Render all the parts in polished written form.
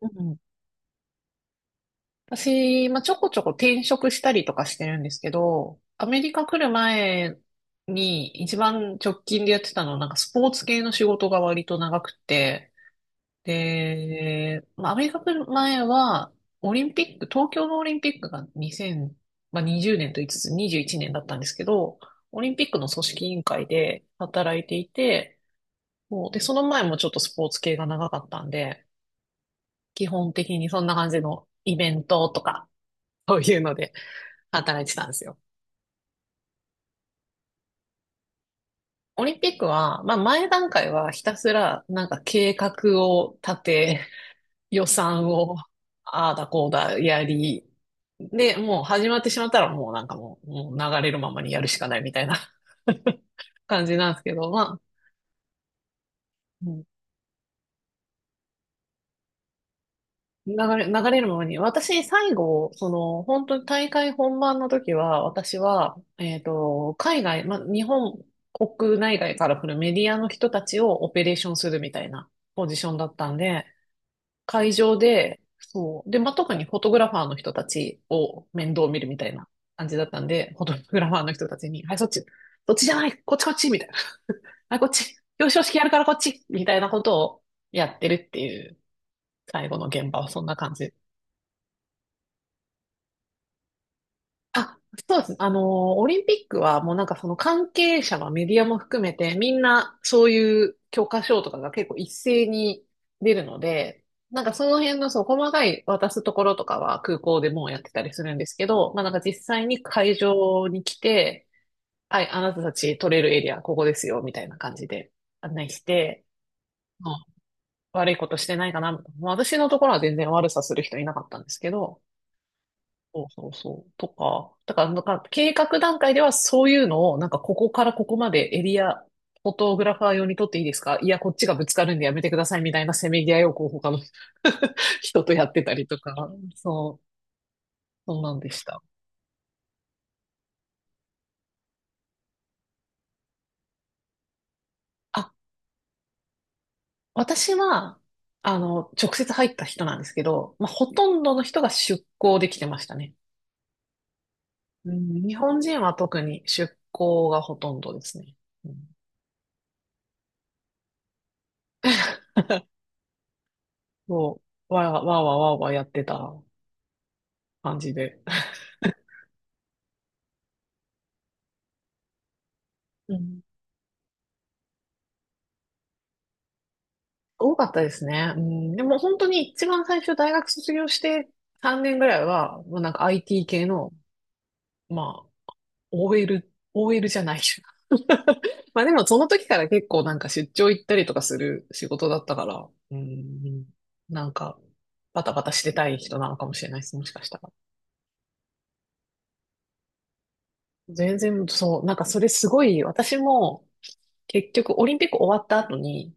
うん、私、まあ、ちょこちょこ転職したりとかしてるんですけど、アメリカ来る前に一番直近でやってたのは、スポーツ系の仕事が割と長くて、で、まあ、アメリカ来る前は、オリンピック、東京のオリンピックが2 0まあ、20年と言いつつ21年だったんですけど、オリンピックの組織委員会で働いていて、で、その前もちょっとスポーツ系が長かったんで、基本的にそんな感じのイベントとか、そういうので働いてたんですよ。オリンピックは、まあ前段階はひたすら計画を立て、予算をああだこうだやり、で、もう始まってしまったらもうなんかもう、もう流れるままにやるしかないみたいな 感じなんですけど、まあ、うん。流れるものに。私、最後、その、本当に大会本番の時は、私は、海外、ま、日本国内外から来るメディアの人たちをオペレーションするみたいなポジションだったんで、会場で、そう。で、まあ、特にフォトグラファーの人たちを面倒見るみたいな感じだったんで、フォトグラファーの人たちに、はい、そっち、そっちじゃない、こっちこっち、みたいな。はい、こっち、表彰式やるからこっち、みたいなことをやってるっていう、最後の現場はそんな感じ。あ、そうですね。あの、オリンピックはもうその関係者はメディアも含めてみんなそういう教科書とかが結構一斉に出るので、その辺のそう細かい渡すところとかは空港でもうやってたりするんですけど、まあ実際に会場に来て、はい、あなたたち取れるエリアここですよ、みたいな感じで案内して、うん。悪いことしてないかな。まあ私のところは全然悪さする人いなかったんですけど、そうそうそう。とか、だから計画段階ではそういうのを、なんかここからここまでエリア、フォトグラファー用に撮っていいですか、いや、こっちがぶつかるんでやめてくださいみたいな せめぎ合いをこう他の 人とやってたりとか、そう、そんなんでした。あ、私は、あの、直接入った人なんですけど、まあ、ほとんどの人が出向できてましたね。うん、日本人は特に出向がほとんどですね。うん、そう、わーわーわーわーわーやってた感じで。うん、多かったですね。うん、でも本当に一番最初大学卒業して3年ぐらいは、もうIT 系の、まあ、OL じゃない。まあでもその時から結構出張行ったりとかする仕事だったから、うん、なんかバタバタしてたい人なのかもしれないです、もしかしたら。全然そう、なんかそれすごい、私も結局オリンピック終わった後に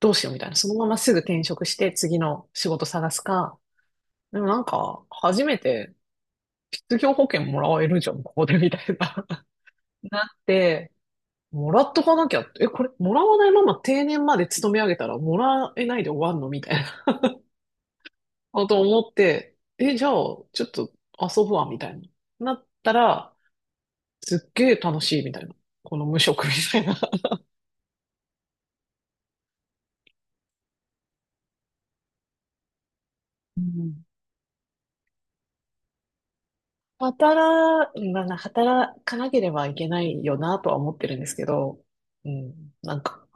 どうしようみたいな、そのまますぐ転職して次の仕事探すか、でも、初めて失業保険もらえるじゃん、ここでみたいな。なって、もらっとかなきゃって、え、これ、もらわないまま定年まで勤め上げたらもらえないで終わんのみたいなこと思って、え、じゃあ、ちょっと遊ぶわ、みたいな。なったら、すっげえ楽しい、みたいな。この無職みたいな。うん。まあな、働かなければいけないよなとは思ってるんですけど、うん、なんか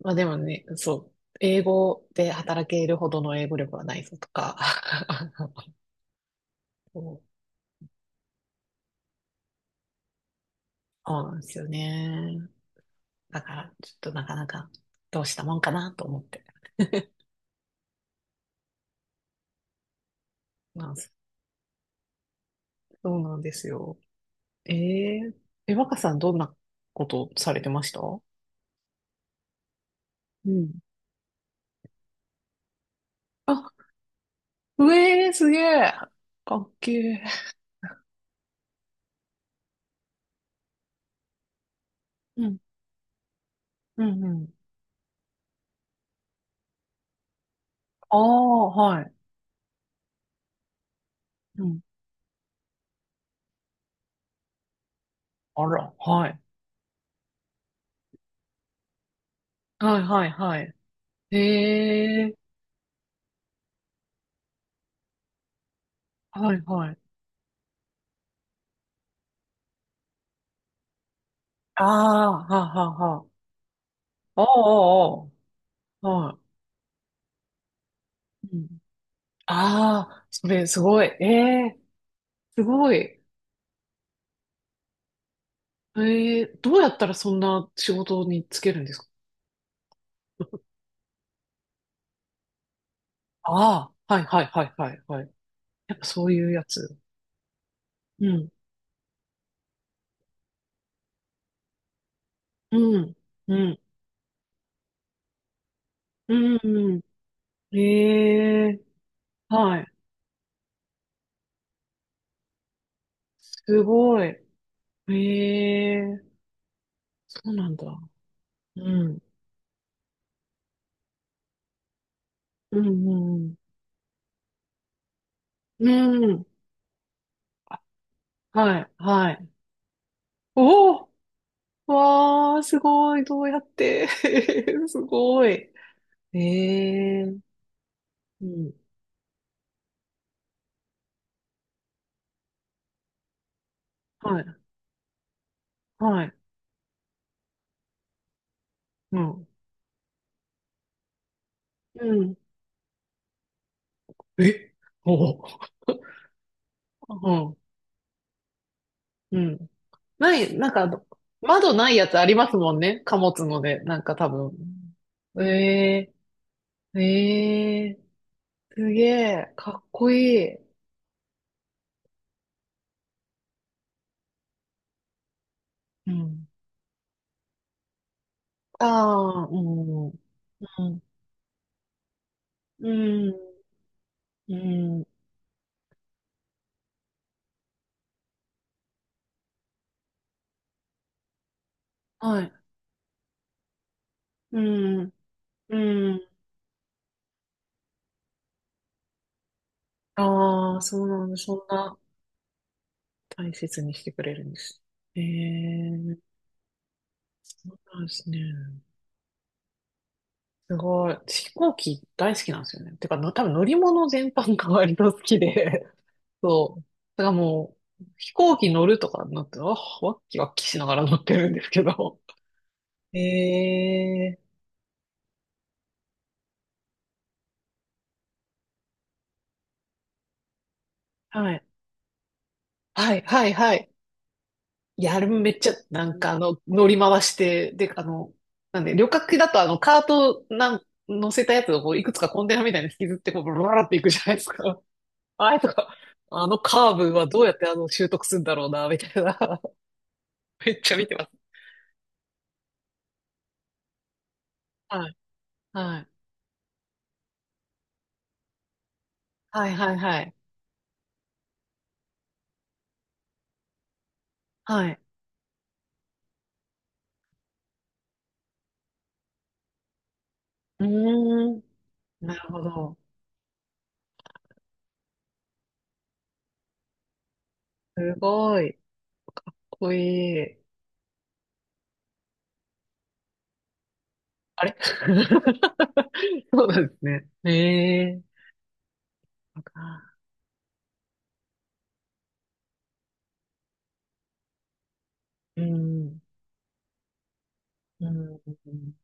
まあでもね、そう。英語で働けるほどの英語力はないぞとか。そう。そうなんですよね。だから、ちょっとなかなかどうしたもんかなと思って。まあ、そうなんですよ。えー、え、若さんどんなことされてましたうん。あ、うえー、すげえ。かっけえ。うん、うん、うん。ああ、はい。うん。あら、はい。はい、はい、はい。ええ。はい、はい。ああ、はあ、はあ、はあ。ああ、ああ、はい。うん。ああ、それすごい。ええ、すごい。ええ、どうやったらそんな仕事に就けるんですか？ああ、はいはいはいはいはい。やっぱそういうやつ。うん、うん、うん、うん、うん。ええ、はい。すごい。ええ、そうなんだ。うん、うん、うん、うん。はい、はい。おお、わあ、すごい。どうやって すごい。ええ。うん。はい、はい、うん、うん。え、おお。うん、うん。ない、窓ないやつありますもんね。貨物ので、なんか多分。ええ。ええ。すげえ、かっこいい。うん。ああ、うん、うん、うん、うん、はい、うん、うん。ああ、そうなんだ、そんな大切にしてくれるんです。ええ。そうなんですね。すごい。飛行機大好きなんですよね。てか、の多分乗り物全般が割と好きで、そう。だからもう、飛行機乗るとかになって、あ、ワッキワッキしながら乗ってるんですけど。ええ。はい。はい、はい、はい。いや、あれもめっちゃ、乗り回して、で、あの、なんで、旅客機だとあの、カートなん、乗せたやつをこういくつかコンテナみたいに引きずって、こう、ブラブラっていくじゃないですか。あれとか、あのカーブはどうやってあの、習得するんだろうな、みたいな。めっちゃ見てます。はい、はい、はい、はい、はい。はい。うーん。なるほど。すごい。かっこいい。あれ、 そうなんですね。ええー。うん。うん。うん。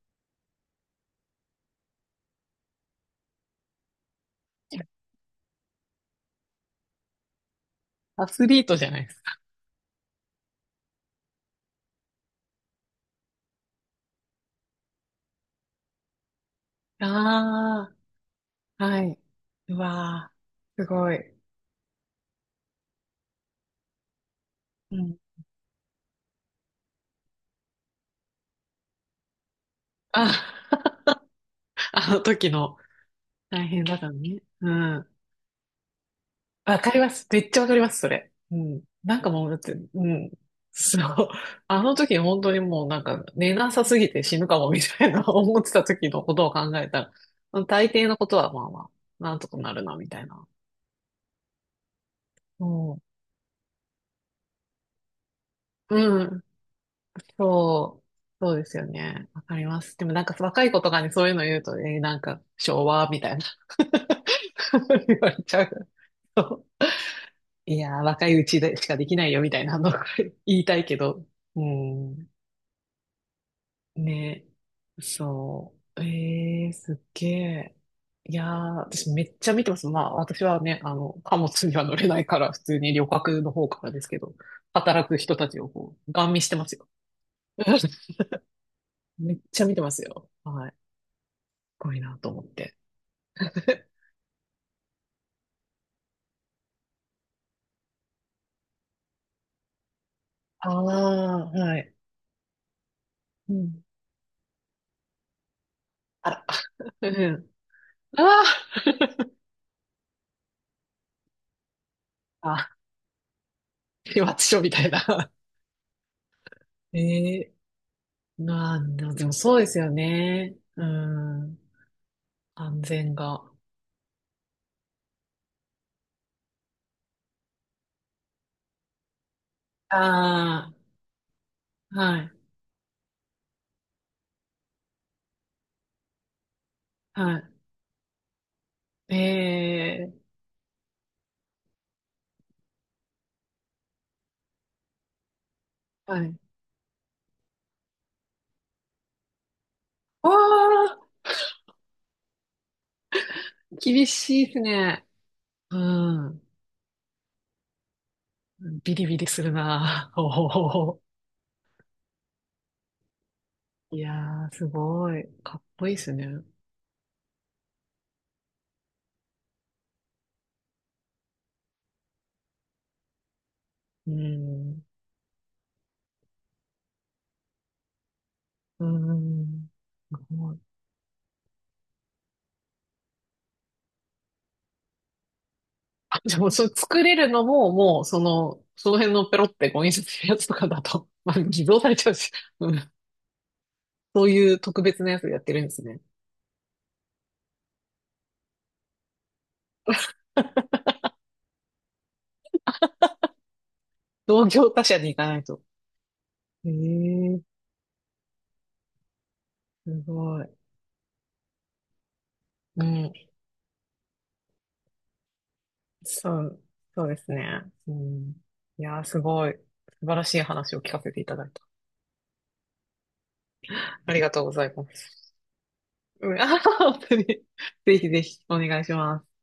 アスリートじゃないですか。ああ、はい。うわー、すごい。うん。あ、あの時の大変だからね。うん。わかります。めっちゃわかります、それ。うん。なんかもう、だって、うん。そう。あの時本当にもうなんか寝なさすぎて死ぬかもみたいな 思ってた時のことを考えたら、大抵のことはまあまあ、なんとかなるな、みたいな。うん。うん。そう。そうですよね。わかります。でもなんか若い子とかにそういうの言うと、えーなんか昭和みたいな 言われちゃう。そう。いやー、若いうちでしかできないよみたいなの 言いたいけど。うん。ね、そう。えー、すっげえ。いやー、私めっちゃ見てます。まあ、私はね、あの、貨物には乗れないから、普通に旅客の方からですけど、働く人たちをこう、ガン見してますよ。めっちゃ見てますよ。はい。すごいなと思って。ああ、はい。うん。あら、うん。ああ、あ、始末書みたいな。ええ。まあ、でもそうですよね。うん。安全が。ああ、はい、はい。ええ、はい。わあ、厳しいですね。うん。ビリビリするな。おお。いやー、すごい。かっこいいですね。うん。うん。すごい。あ、じゃあもう、それ作れるのも、もう、その、その辺のペロってこう印刷するやつとかだと、まあ、偽造されちゃうし、うん。そういう特別なやつやってるんですね。同業他社に行かないと。ええ、すごい。うん。そう、そうですね。うん。いやー、すごい、素晴らしい話を聞かせていただいた。ありがとうございます。うん、あはは本当に。ぜひぜひ、お願いします。